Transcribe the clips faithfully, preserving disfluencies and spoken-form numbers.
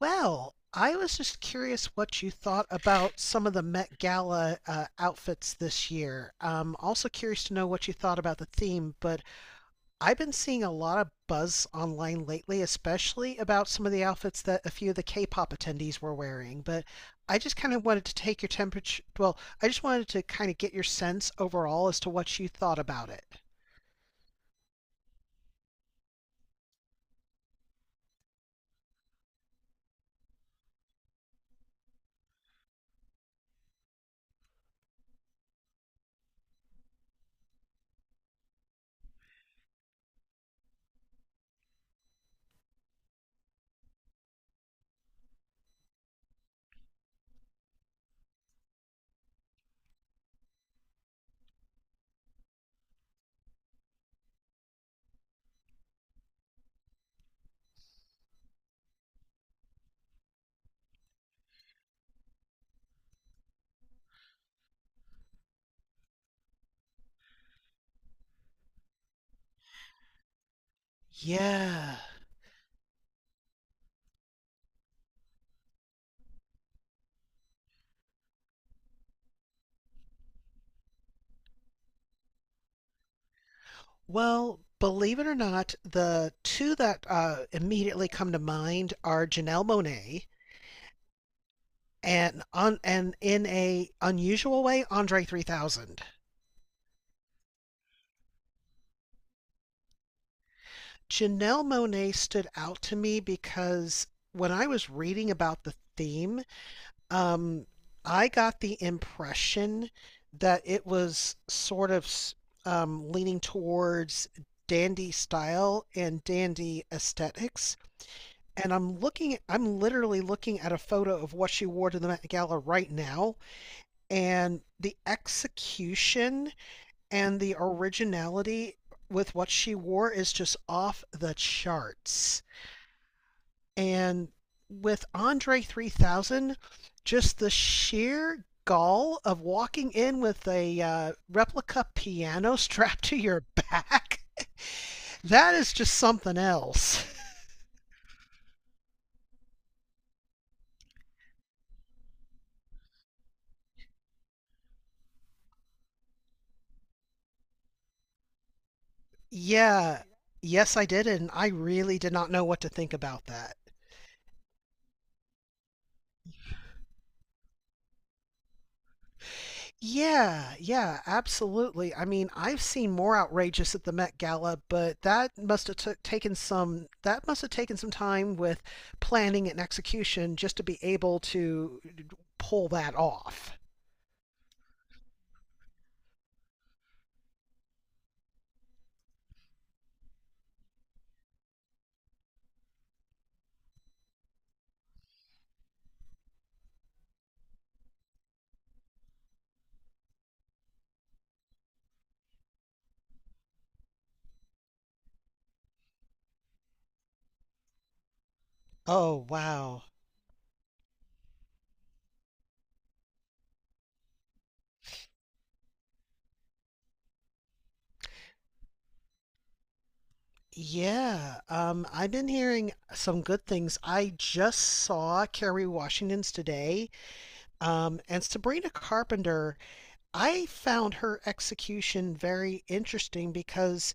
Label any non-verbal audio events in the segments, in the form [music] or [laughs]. Well, I was just curious what you thought about some of the Met Gala uh, outfits this year. Um, also curious to know what you thought about the theme, but I've been seeing a lot of buzz online lately, especially about some of the outfits that a few of the K-pop attendees were wearing. But I just kind of wanted to take your temperature. Well, I just wanted to kind of get your sense overall as to what you thought about it. Yeah. Well, believe it or not, the two that uh, immediately come to mind are Janelle Monae and on and in a unusual way, Andre three thousand. Janelle Monae stood out to me because when I was reading about the theme, um, I got the impression that it was sort of um, leaning towards dandy style and dandy aesthetics, and I'm looking I'm literally looking at a photo of what she wore to the Met Gala right now, and the execution and the originality with what she wore is just off the charts. And with Andre three thousand, just the sheer gall of walking in with a uh, replica piano [laughs] strapped to your back, that is just something else. Yeah. Yes, I did, and I really did not know what to think about that. Yeah, yeah, absolutely. I mean, I've seen more outrageous at the Met Gala, but that must have took, taken some that must have taken some time with planning and execution just to be able to pull that off. Oh, wow. Yeah, um, I've been hearing some good things. I just saw Kerry Washington's today, um, and Sabrina Carpenter, I found her execution very interesting because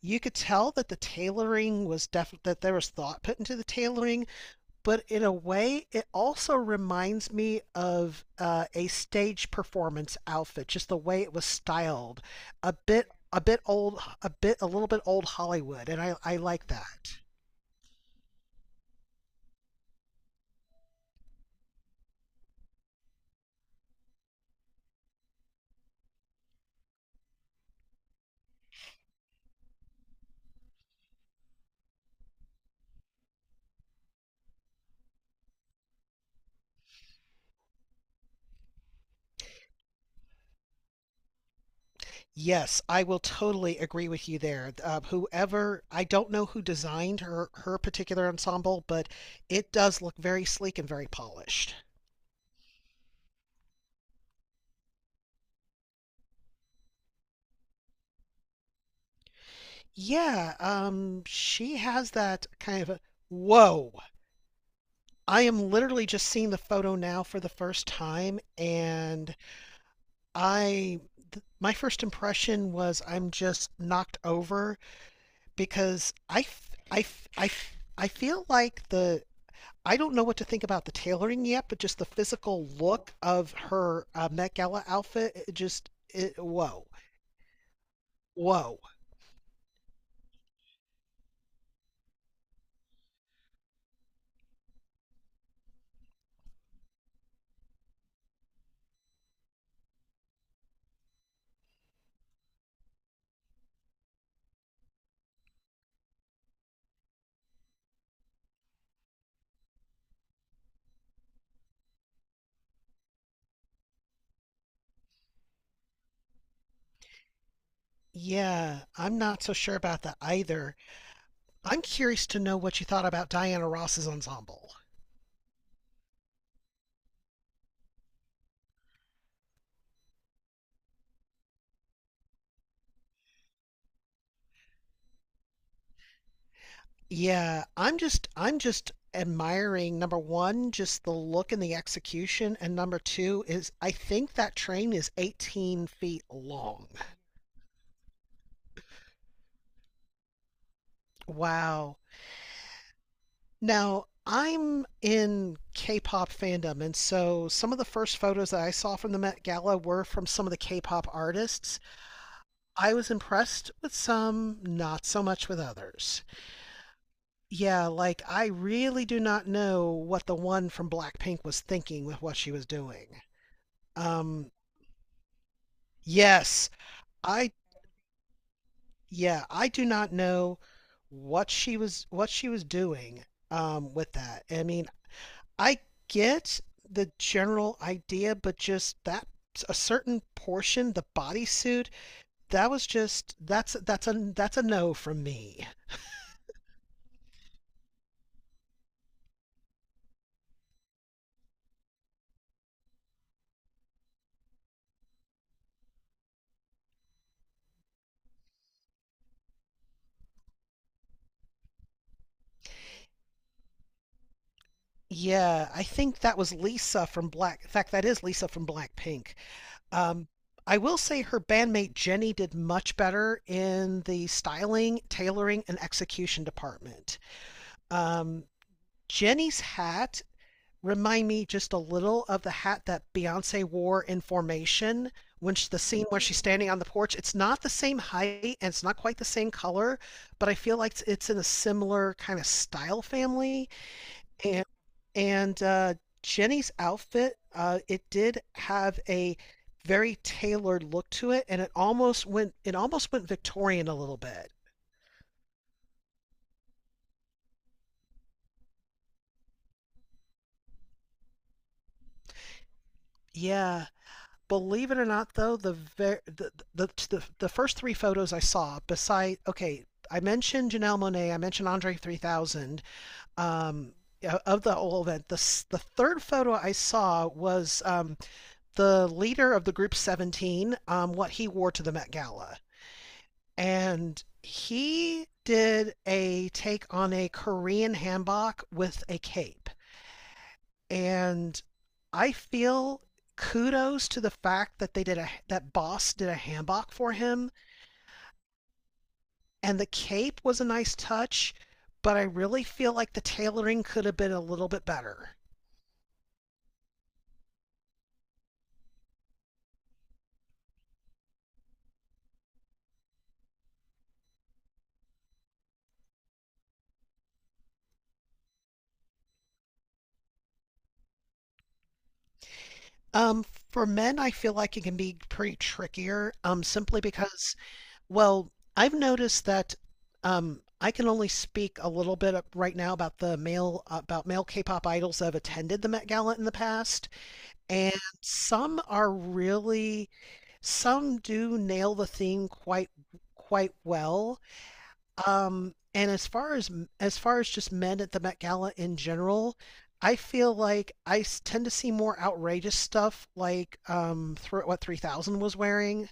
you could tell that the tailoring was def that there was thought put into the tailoring, but in a way, it also reminds me of uh, a stage performance outfit, just the way it was styled, a bit a bit old, a bit a little bit old Hollywood, and I I like that. Yes, I will totally agree with you there. Uh, whoever, I don't know who designed her her particular ensemble, but it does look very sleek and very polished. Yeah, um, she has that kind of a, whoa. I am literally just seeing the photo now for the first time, and I th- my first impression was I'm just knocked over because I f- I f- I f- I feel like the I don't know what to think about the tailoring yet, but just the physical look of her uh, Met Gala outfit, it just it, whoa, whoa. Yeah, I'm not so sure about that either. I'm curious to know what you thought about Diana Ross's ensemble. Yeah, I'm just I'm just admiring number one, just the look and the execution, and number two is I think that train is eighteen feet long. Wow. Now, I'm in K-pop fandom, and so some of the first photos that I saw from the Met Gala were from some of the K-pop artists. I was impressed with some, not so much with others. Yeah, like I really do not know what the one from Blackpink was thinking with what she was doing. Um, yes, I Yeah, I do not know what she was what she was doing um with that. I mean, I get the general idea, but just that a certain portion, the bodysuit, that was just that's that's a that's a no from me. Yeah, I think that was Lisa from Black. In fact, that is Lisa from Blackpink. Um, I will say her bandmate Jenny did much better in the styling, tailoring, and execution department. Um, Jenny's hat remind me just a little of the hat that Beyonce wore in Formation when she, the scene where she's standing on the porch. It's not the same height and it's not quite the same color, but I feel like it's, it's in a similar kind of style family. And and uh, Jenny's outfit, uh, it did have a very tailored look to it, and it almost went it almost went Victorian a little bit. Yeah, believe it or not, though, the ver- the, the the the first three photos I saw, beside okay, I mentioned Janelle Monáe, I mentioned Andre three thousand, um, yeah, of the whole event. The s- the third photo I saw was um, the leader of the group seventeen, um, what he wore to the Met Gala. And he did a take on a Korean hanbok with a cape. And I feel kudos to the fact that they did a that boss did a hanbok for him, and the cape was a nice touch, but I really feel like the tailoring could have been a little bit better. Um, for men, I feel like it can be pretty trickier, um, simply because, well, I've noticed that um, I can only speak a little bit up- right now about the male about male K-pop idols that have attended the Met Gala in the past, and some are really some do nail the theme quite quite well. Um, and as far as as far as just men at the Met Gala in general, I feel like I s- tend to see more outrageous stuff, like um, thro what three thousand was wearing.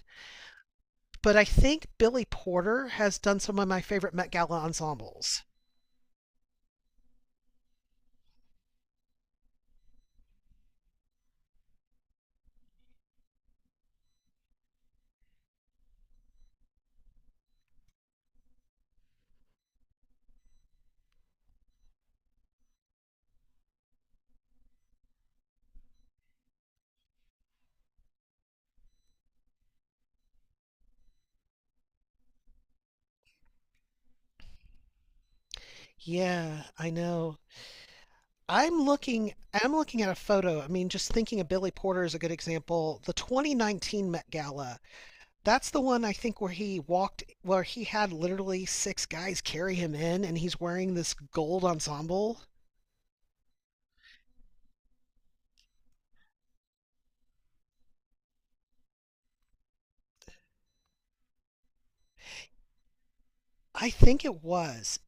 But I think Billy Porter has done some of my favorite Met Gala ensembles. Yeah, I know. I'm looking I'm looking at a photo. I mean, just thinking of Billy Porter is a good example. The twenty nineteen Met Gala, that's the one I think where he walked, where he had literally six guys carry him in, and he's wearing this gold ensemble. I think it was,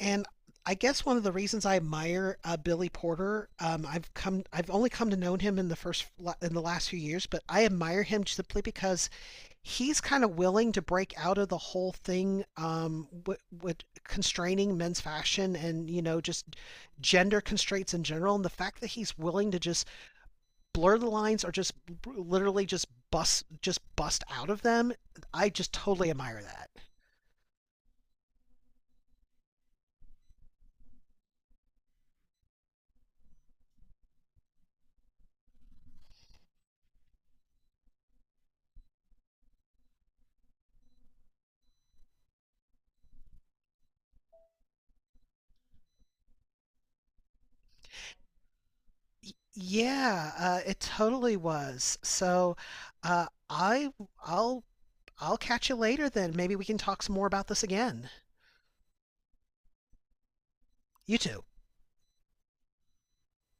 and I guess one of the reasons I admire uh, Billy Porter, um, I've come, I've only come to know him in the first, in the last few years, but I admire him simply because he's kind of willing to break out of the whole thing um, with, with constraining men's fashion and you know just gender constraints in general, and the fact that he's willing to just blur the lines or just literally just bust just bust out of them. I just totally admire that. Yeah, uh, it totally was. So, uh, i i'll I'll catch you later, then maybe we can talk some more about this again. You too.